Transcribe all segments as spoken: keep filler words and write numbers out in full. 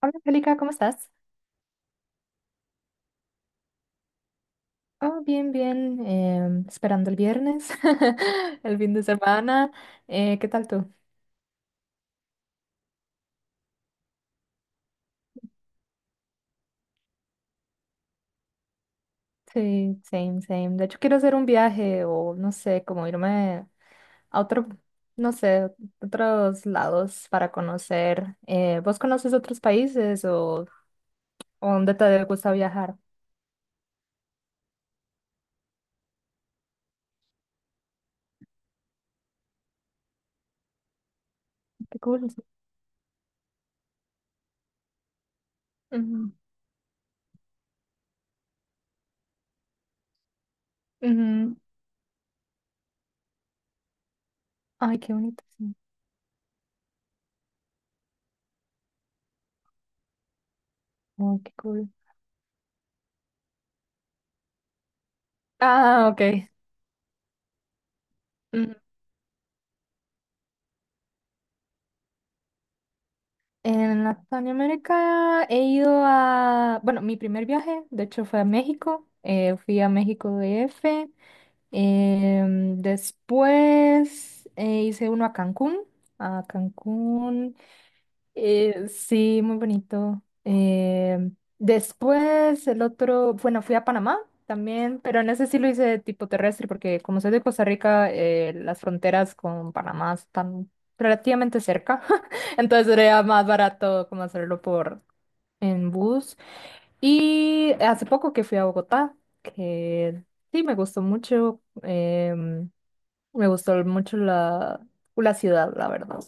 Hola, Angélica, ¿cómo estás? Oh, bien, bien, em, esperando el viernes, el fin de semana. Eh, ¿qué tal tú? Sí, same, same. De hecho, quiero hacer un viaje o no sé, como irme a otro, no sé, otros lados para conocer. Eh, ¿vos conoces otros países o, o dónde te gusta viajar? Qué cool. Sí. Ujú, ujú. Ay, qué bonito, sí. Oh, qué cool. Ah, ok. En Latinoamérica he ido a, bueno, mi primer viaje, de hecho, fue a México. Eh, fui a México D F. Em, después eh, hice uno a Cancún. A Cancún. Eh, sí, muy bonito. Eh, después el otro, bueno, fui a Panamá también, pero en ese sí lo hice de tipo terrestre, porque como soy de Costa Rica, eh, las fronteras con Panamá están relativamente cerca, entonces sería más barato como hacerlo por en bus. Y hace poco que fui a Bogotá, que sí me gustó mucho, em, me gustó mucho la, la ciudad, la verdad.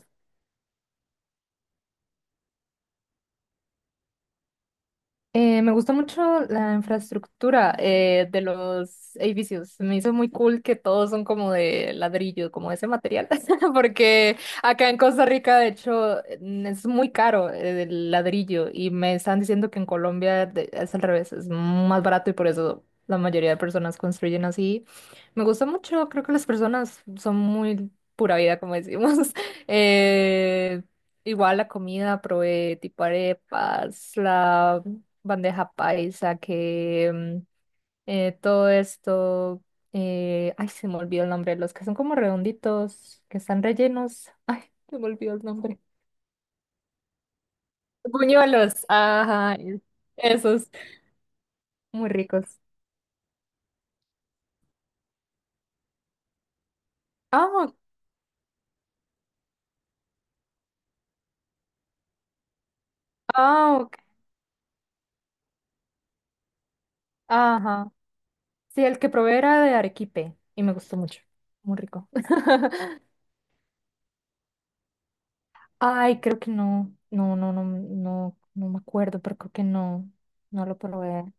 Eh, me gustó mucho la infraestructura eh, de los edificios. Me hizo muy cool que todos son como de ladrillo, como ese material, porque acá en Costa Rica, de hecho, mm, es muy caro eh, el ladrillo y me están diciendo que en Colombia de- es al revés, es más barato y por eso la mayoría de personas construyen así. Me gusta mucho, creo que las personas son muy pura vida, como decimos. Eh, Igual la comida, probé tipo arepas, la bandeja paisa, que mm, eh, todo esto, eh, ay, se me olvidó el nombre, los que son como redonditos, que están rellenos, ay, se me olvidó el nombre. Buñuelos, ajá, e- esos, muy ricos. Ah, ok, ah, ok, ajá. Sí, el que probé era de arequipe y me gustó mucho, muy rico. Ay, creo que no, no, no, no, no, no me acuerdo, pero creo que no, no lo probé.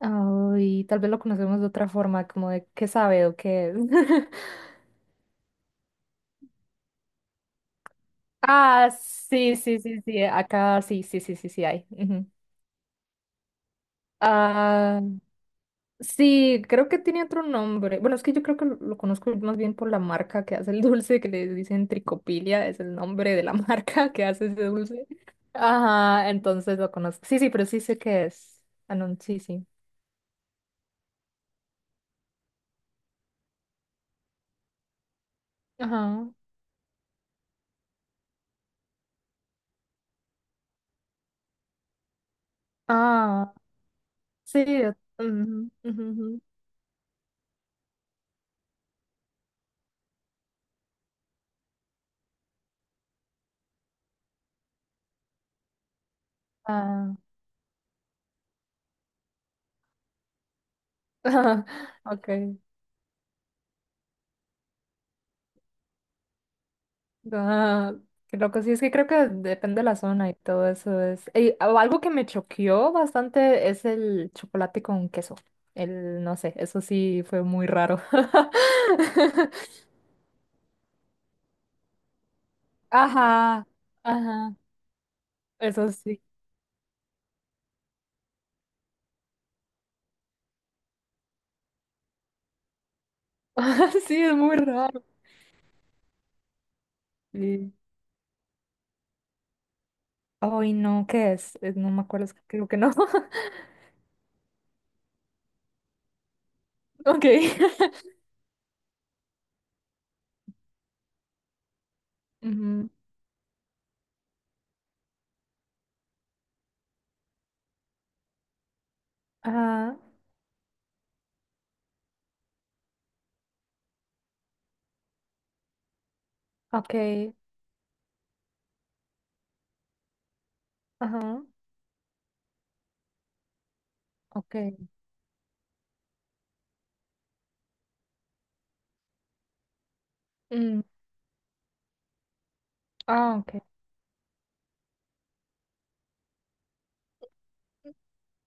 Ay, tal vez lo conocemos de otra forma, como de qué sabe o qué es. Ah, sí, sí, sí, sí, acá sí, sí, sí, sí, sí hay. Ujú. Ah, sí, creo que tiene otro nombre. Bueno, es que yo creo que lo, lo conozco más bien por la marca que hace el dulce, que le dicen Tricopilia, es el nombre de la marca que hace ese dulce. Ajá, entonces lo conozco. Sí, sí, pero sí sé qué es. Ah, no, sí, sí. Ajá. Ah, sí. Ujú, ujú, ujú. Ah, okay. Ah, qué loco, sí, es que creo que depende de la zona y todo eso es. Y algo que me choqueó bastante es el chocolate con queso. El, no sé, eso sí fue muy raro. Ajá, ajá, eso sí. Sí, es muy raro. Sí. Ay, no, ¿qué es? Eh, No me acuerdo, es que creo que no. Ok. Ujú. Ajá, ok, ajá, ok. Mm, ah, ok.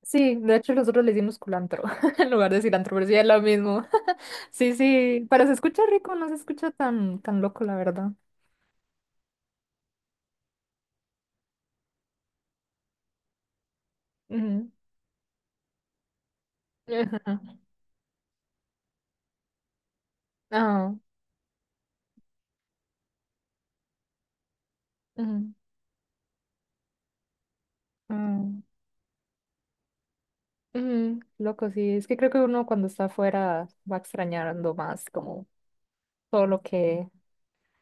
Sí, de hecho nosotros le decimos culantro en lugar de cilantro, pero sí es lo mismo. Sí, sí, pero se escucha rico, no se escucha tan, tan loco, la verdad. Ujú. Ajá. Ah, ujú, ah, ujú, loco, sí. Es que creo que uno cuando está afuera va extrañando más como todo lo que,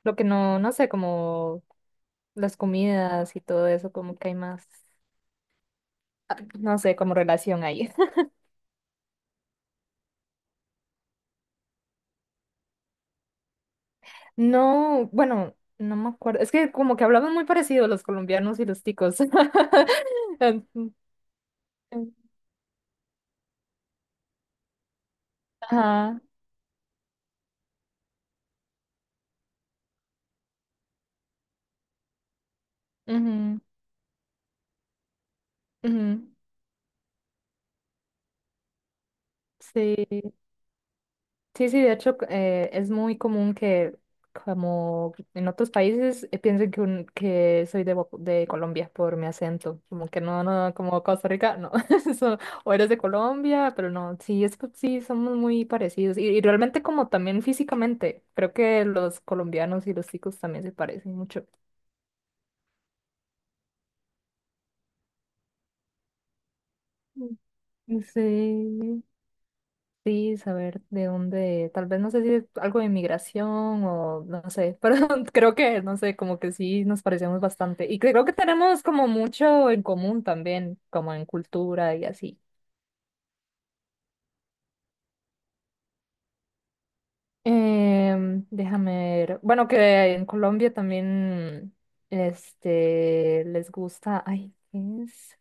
lo que no, no sé, como las comidas y todo eso, como que hay más, ah, no sé, como relación ahí. No, bueno, no me acuerdo. Es que como que hablaban muy parecido los colombianos y los ticos. Ajá. Ujú, ujú, sí. Sí, sí, de hecho eh, es muy común que como en otros países eh, piensen que, un- que soy de, Bo- de Colombia por mi acento, como que no, no, no, como Costa Rica, no, eso, o eres de Colombia, pero no, sí, es que sí, somos muy parecidos y, y realmente como también físicamente, creo que los colombianos y los chicos también se parecen mucho. Mm. Sí. Sí, saber de dónde, tal vez no sé si es algo de inmigración o no sé, pero creo que, no sé, como que sí nos parecemos bastante y creo que tenemos como mucho en común también, como en cultura y así. Em, déjame ver, bueno, que en Colombia también, este, les gusta, ay, ¿qué es?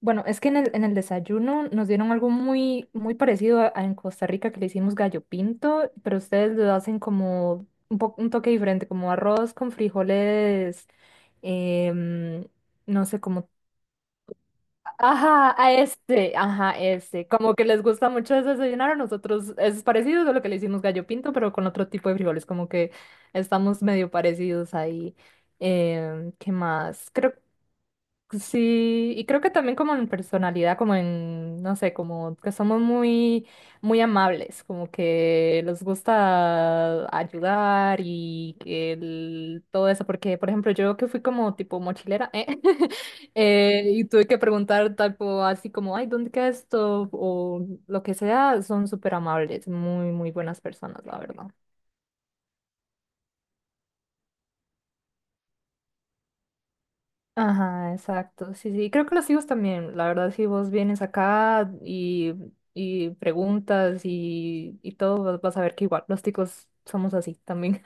Bueno, es que en el, en el desayuno nos dieron algo muy, muy parecido a, a en Costa Rica que le hicimos gallo pinto, pero ustedes lo hacen como un, po- un toque diferente, como arroz con frijoles, em, no sé cómo. Ajá, a este, ajá, este. Como que les gusta mucho ese desayunar a nosotros. Es parecido a lo que le hicimos gallo pinto, pero con otro tipo de frijoles, como que estamos medio parecidos ahí. Em, ¿qué más? Creo sí, y creo que también como en personalidad, como en, no sé, como que somos muy, muy amables, como que nos gusta ayudar y el- todo eso, porque por ejemplo yo que fui como tipo mochilera, ¿eh? Eh, y tuve que preguntar tipo así como, ay, ¿dónde queda esto? O lo que sea, son súper amables, muy, muy buenas personas, la verdad. Ajá, exacto. Sí, sí. Creo que los hijos también. La verdad, si vos vienes acá y, y preguntas y, y todo, vas vas a ver que igual los ticos somos así también.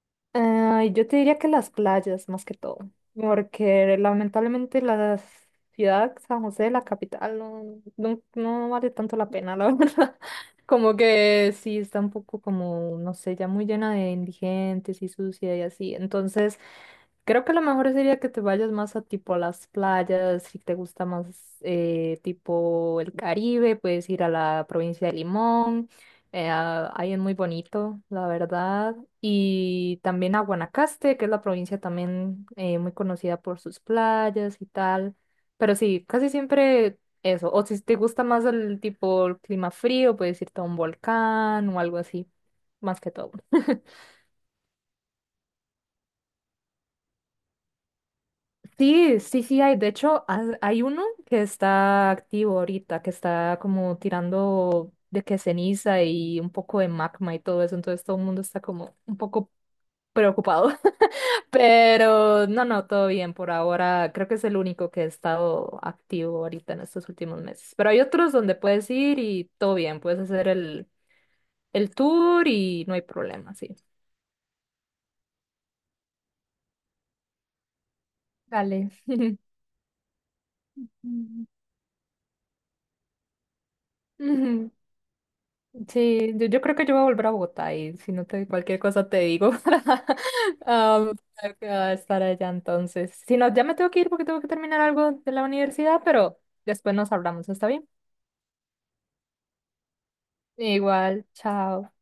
Ay, yo te diría que las playas, más que todo. Porque lamentablemente la ciudad, San José, la capital, no, no, no vale tanto la pena, la verdad. Como que sí está un poco como, no sé, ya muy llena de indigentes y sucia y así. Entonces. Creo que lo mejor sería que te vayas más a tipo a las playas, si te gusta más eh, tipo el Caribe, puedes ir a la provincia de Limón, eh, a- ahí es muy bonito, la verdad, y también a Guanacaste, que es la provincia también eh, muy conocida por sus playas y tal, pero sí, casi siempre eso, o si te gusta más el tipo el clima frío, puedes irte a un volcán o algo así, más que todo. Sí, sí, sí hay. De hecho, ha- hay uno que está activo ahorita, que está como tirando de que ceniza y un poco de magma y todo eso. Entonces todo el mundo está como un poco preocupado. Pero no, no, todo bien por ahora. Creo que es el único que ha estado activo ahorita en estos últimos meses. Pero hay otros donde puedes ir y todo bien. Puedes hacer el, el tour y no hay problema, sí. Dale. Mm. Sí, yo, yo creo que yo voy a volver a Bogotá y si no te cualquier cosa te digo para, am, para estar allá entonces. Si no, ya me tengo que ir porque tengo que terminar algo de la universidad, pero después nos hablamos, ¿está bien? Igual, chao.